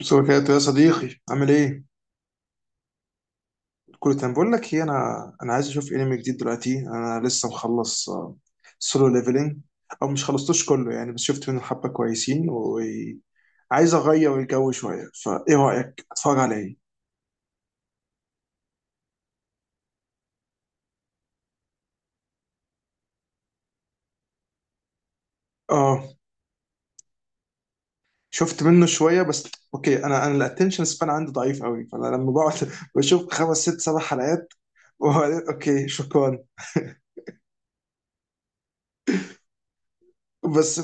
مساء يا صديقي، عامل ايه؟ كله تمام. بقول لك ايه، انا عايز اشوف انمي جديد دلوقتي. انا لسه مخلص سولو ليفلنج، او مش خلصتوش كله يعني، بس شفت منه حبه كويسين وعايز اغير الجو شويه. فايه رايك اتفرج على ايه؟ اه، شفت منه شويه بس. اوكي، انا الاتنشن سبان عندي ضعيف قوي، فانا لما بقعد بشوف خمس ست سبع حلقات وبعدين اوكي شكرا. بس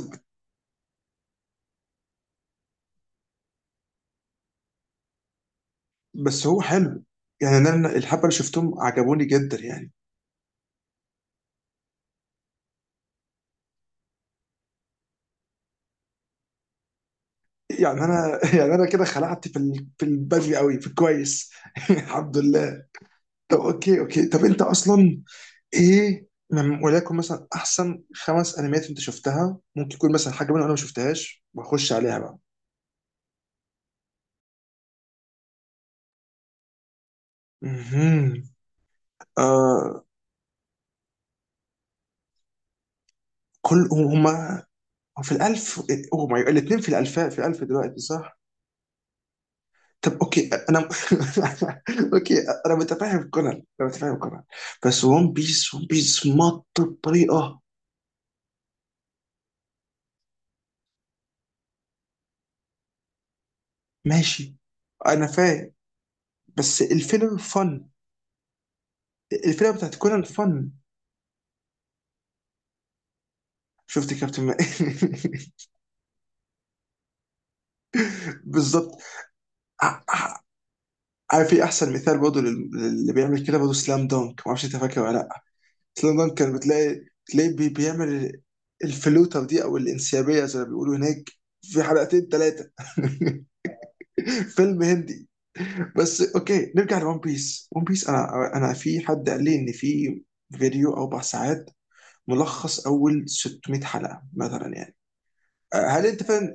بس هو حلو يعني. انا الحبه اللي شفتهم عجبوني جدا يعني. يعني انا يعني انا كده خلعت في البدري قوي في الكويس. الحمد لله. طب اوكي، طب انت اصلا ايه من وليكن مثلا احسن خمس انميات انت شفتها؟ ممكن يكون مثلا حاجه منهم انا ما شفتهاش واخش عليها بقى. مهم. آه، كل هما في الالف. او ماي، الاثنين في الالفاء، في الالف دلوقتي صح. طب اوكي، انا اوكي، انا متفاهم كونان، انا متفاهم كونان، بس ون بيس، ون بيس مط بطريقه. ماشي، انا فاهم. بس الفيلر فن. الفيلر بتاعت كونان فن. شفت كابتن ما-. بالظبط. ع- ع- عارف في احسن مثال برضه اللي بيعمل كده برضه؟ سلام دونك، ما اعرفش انت فاكر ولا لا. سلام دونك كان بتلاقي تلاقيه بيعمل الفلوتر دي، او الانسيابيه زي ما بيقولوا هناك، في حلقتين ثلاثه. فيلم هندي. بس اوكي، نرجع لون بيس. ون بيس انا في حد قال لي ان في فيديو اربع ساعات ملخص اول 600 حلقه مثلا يعني. هل انت فاهم؟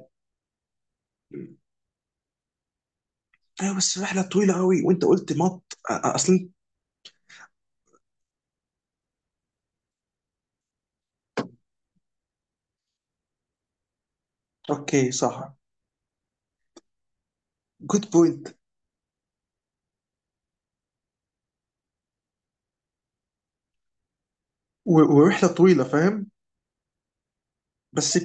ايوه، بس رحله طويله قوي. وانت قلت مط اصلا. اوكي صح، جود بوينت. ورحله طويله فاهم. بس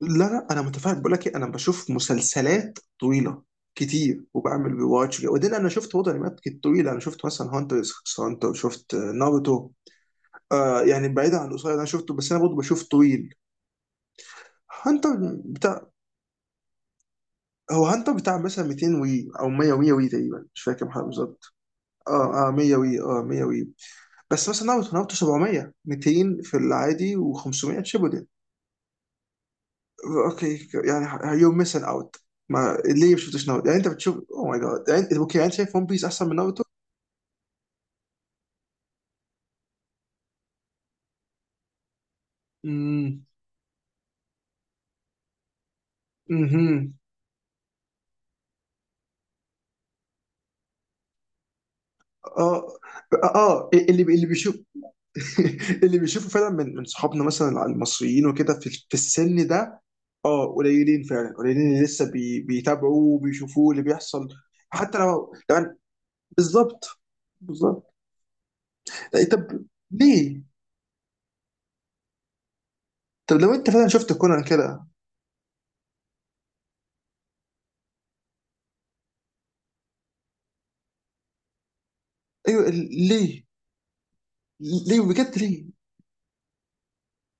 لا لا، انا متفاهم. بقول لك إيه، انا بشوف مسلسلات طويله كتير وبعمل ريواتش. وبعدين انا شفت برضه انميات طويله. انا شفت مثلا هانتر x هانتر، شفت ناروتو. آه، يعني بعيدا عن القصير اللي انا شفته، بس انا برضه بشوف طويل. هانتر بتاع هو هانتر بتاع مثلا 200 وي او 100 100 وي تقريبا، مش فاكر كام حلقه بالظبط. اه اه، 100 وي، اه 100 وي. بس مثلا ناروتو، ناروتو 700 200 في العادي و500 شيبودن. اوكي، يعني يو ميسن اوت. ما ليه ما شفتش ناروتو يعني؟ انت بتشوف؟ او ماي جاد. يعني انت اوكي، يعني انت شايف ون بيس احسن من ناروتو؟ امم. امم. اه. اه، اللي بيشوف. اللي بيشوفه فعلا من صحابنا مثلا، المصريين وكده في السن ده. اه قليلين فعلا، قليلين اللي لسه بيتابعوه وبيشوفوه اللي بيحصل، حتى لو يعني. بالظبط بالظبط. إيه، طب ليه؟ طب لو انت فعلا شفت كونان كده. ايوه ليه؟ ليه بجد ليه؟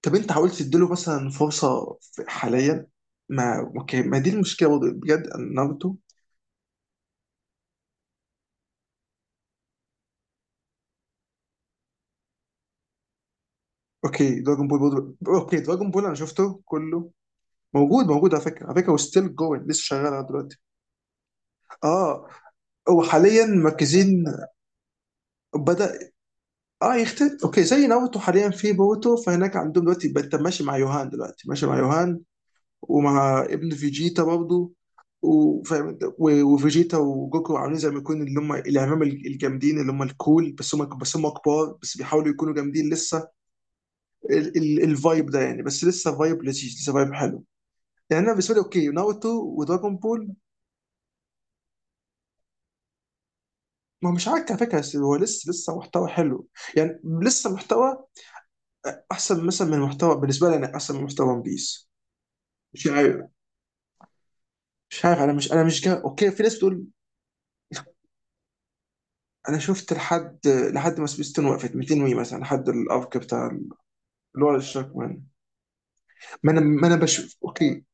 طب انت حاولت تديله مثلا فرصه حاليا؟ ما اوكي، ما دي المشكله برضه بجد، أن ناروتو. اوكي، دراجون بول برضه. اوكي، دراجون بول انا شفته كله. موجود موجود على فكره، على فكره وستيل جوين، لسه شغال لغايه دلوقتي. اه، هو حاليا مركزين. بدأ اه يختلف. اوكي، زي ناروتو حاليا في بوتو، فهناك عندهم دلوقتي انت ماشي مع يوهان، دلوقتي ماشي مع يوهان ومع ابن فيجيتا برضه. وفاهم انت، وفيجيتا وجوكو عاملين زي ما يكون اللي هم الاعمام، الجامدين، اللي هم الكول، بس هم كبار بس بيحاولوا يكونوا جامدين لسه. الفايب ده يعني، بس لسه فايب لذيذ، لسه فايب حلو. يعني انا بالنسبه لي اوكي ناروتو ودراجون بول. ما هو مش عارف على فكره، بس هو لسه محتوى حلو. يعني لسه محتوى احسن مثلا من محتوى، بالنسبه لي انا احسن من محتوى ون بيس. مش عارف مش عارف انا مش اوكي، في ناس بتقول. انا شفت لحد ما سبيستون وقفت 200 وي مثلا، لحد الارك بتاع اللي هو الشاك مان. ما انا بشوف اوكي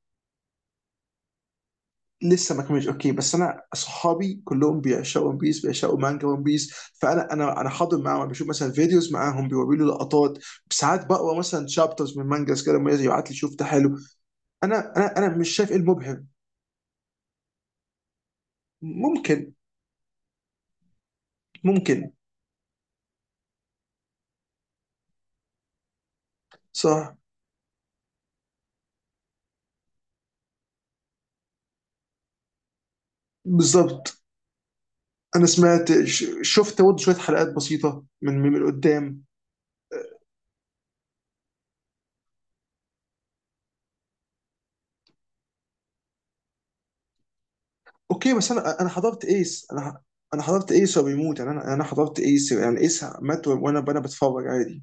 لسه ما كملش. اوكي، بس انا اصحابي كلهم بيعشقوا ون بيس، بيعشقوا مانجا ون بيس، فانا انا انا حاضر معاهم. بشوف مثلا فيديوز معاهم، بيوروا لي لقطات. ساعات بقرا مثلا شابترز من مانجاز كده لما يبعت لي شوف ده حلو. انا مش شايف ايه المبهر. ممكن ممكن صح بالظبط. انا سمعت، شفت برضه شويه حلقات بسيطه من قدام. اوكي، بس انا حضرت ايس، انا حضرت ايس وهو بيموت يعني. انا حضرت ايس يعني، ايس مات وانا بتفرج عادي.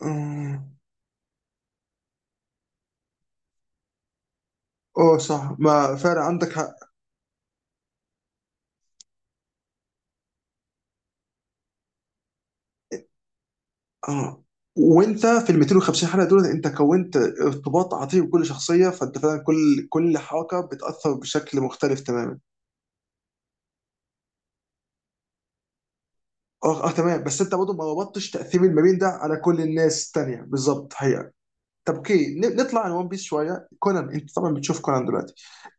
اه، آه، صح. ما فعلا عندك حق. اه، وانت في ال 250 حلقه دول انت كونت ارتباط عاطفي بكل شخصيه، فانت فعلا كل حركه بتاثر بشكل مختلف تماما. اه اه، تمام. بس انت برضه ما ربطتش تاثير المبين ده على كل الناس التانيه بالظبط، حقيقه. طب اوكي، نطلع عن ون بيس شويه. كونان، انت طبعا بتشوف كونان دلوقتي.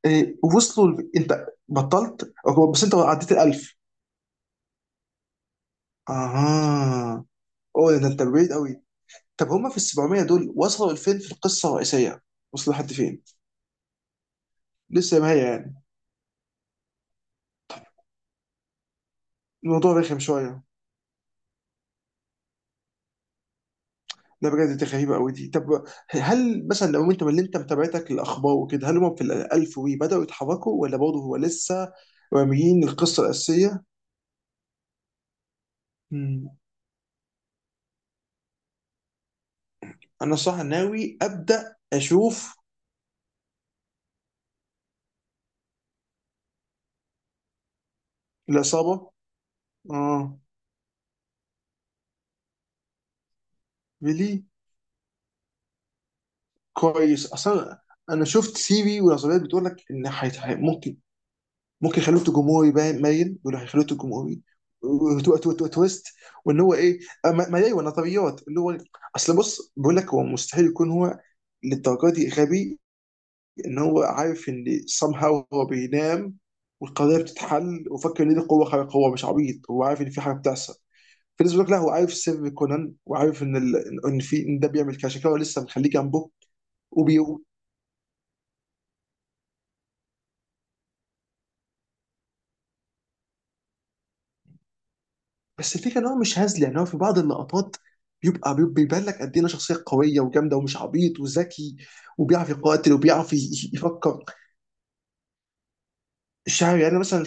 إيه، وصلوا انت بطلت؟ أوكي، بس انت عديت ال 1000. اها. اوه، ده انت بعيد قوي. طب هما في ال 700 دول وصلوا لفين في القصه الرئيسيه؟ وصلوا لحد فين؟ لسه ما هي يعني. الموضوع رخم شويه. لا بجد، دي غريبه قوي دي. طب هل مثلا، لو انت من اللي انت متابعتك الاخبار وكده، هل هما في ال 1000 وي بداوا يتحركوا، ولا برضه هو لسه راميين القصه الاساسيه؟ مم. انا صح ناوي ابدا اشوف. العصابه، اه. ريلي؟ كويس اصلا. انا شفت سي في والعصابات بتقول لك ان ممكن. ممكن يخلوه جمهوري، باين بيقولوا هيخلوه جمهوري، وتو-، تو-، تو-، تويست. وان هو ايه؟ ما ايوه، نظريات اللي هو اصل، بص بقول لك، هو مستحيل يكون هو للدرجه دي غبي. ان هو عارف ان somehow هو بينام والقضيه بتتحل، وفاكر ان دي قوه خارقه. هو مش عبيط، هو عارف ان في حاجه بتحصل. في ناس بتقول لك لا، هو عارف سر كونان، وعارف ان ان في ان ده بيعمل كذا، عشان كده هو لسه مخليه جنبه. وبي... بس الفكره ان هو مش هزلي. يعني هو في بعض اللقطات بيبقى، بيبان لك قد ايه إنه شخصيه قويه وجامده ومش عبيط وذكي، وبيعرف يقاتل وبيعرف يفكر. مش عارف يعني، أنا مثلا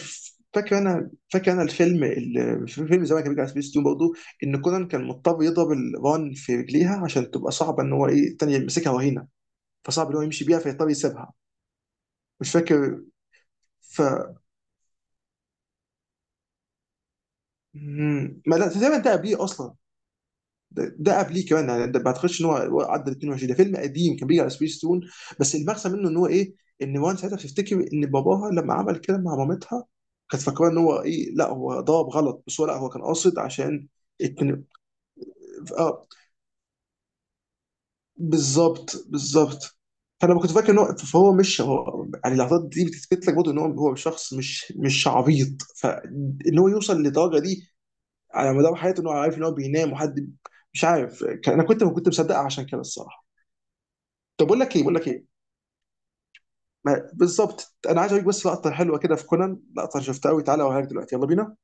فاكر انا الفيلم، في فيلم زمان كان بيجي على سبيس تون برضه، ان كونان كان مضطر يضرب الران في رجليها عشان تبقى صعبه ان هو ايه الثانيه يمسكها وهينه، فصعب ان هو يمشي بيها فيضطر يسيبها. مش فاكر. ف مم. ما ده تقريبا ده قبليه اصلا. ده قبليه كمان يعني، ده ما اعتقدش ان هو عدى 22. ده فيلم قديم كان بيجي على سبيس تون. بس المغزى منه ان هو ايه، ان وان ساعتها بتفتكر ان باباها لما عمل كده مع مامتها، كانت فاكره ان هو ايه لا هو ضرب غلط، بس هو لا هو كان قاصد عشان اتن... اه بالظبط بالظبط. فانا كنت فاكر ان هو فهو مش هو. يعني اللحظات دي بتثبت لك برضه ان هو شخص مش عبيط، فان هو يوصل للدرجه دي على مدار حياته ان هو عارف ان هو بينام وحد. مش عارف انا كنت ما كنت مصدقها عشان كده الصراحه. طب اقول لك ايه، بقول لك ايه، بالظبط، انا عايز اوريك بس لقطه حلوه كده في كونان، لقطه شفتها قوي. تعالى اوريك دلوقتي، يلا بينا.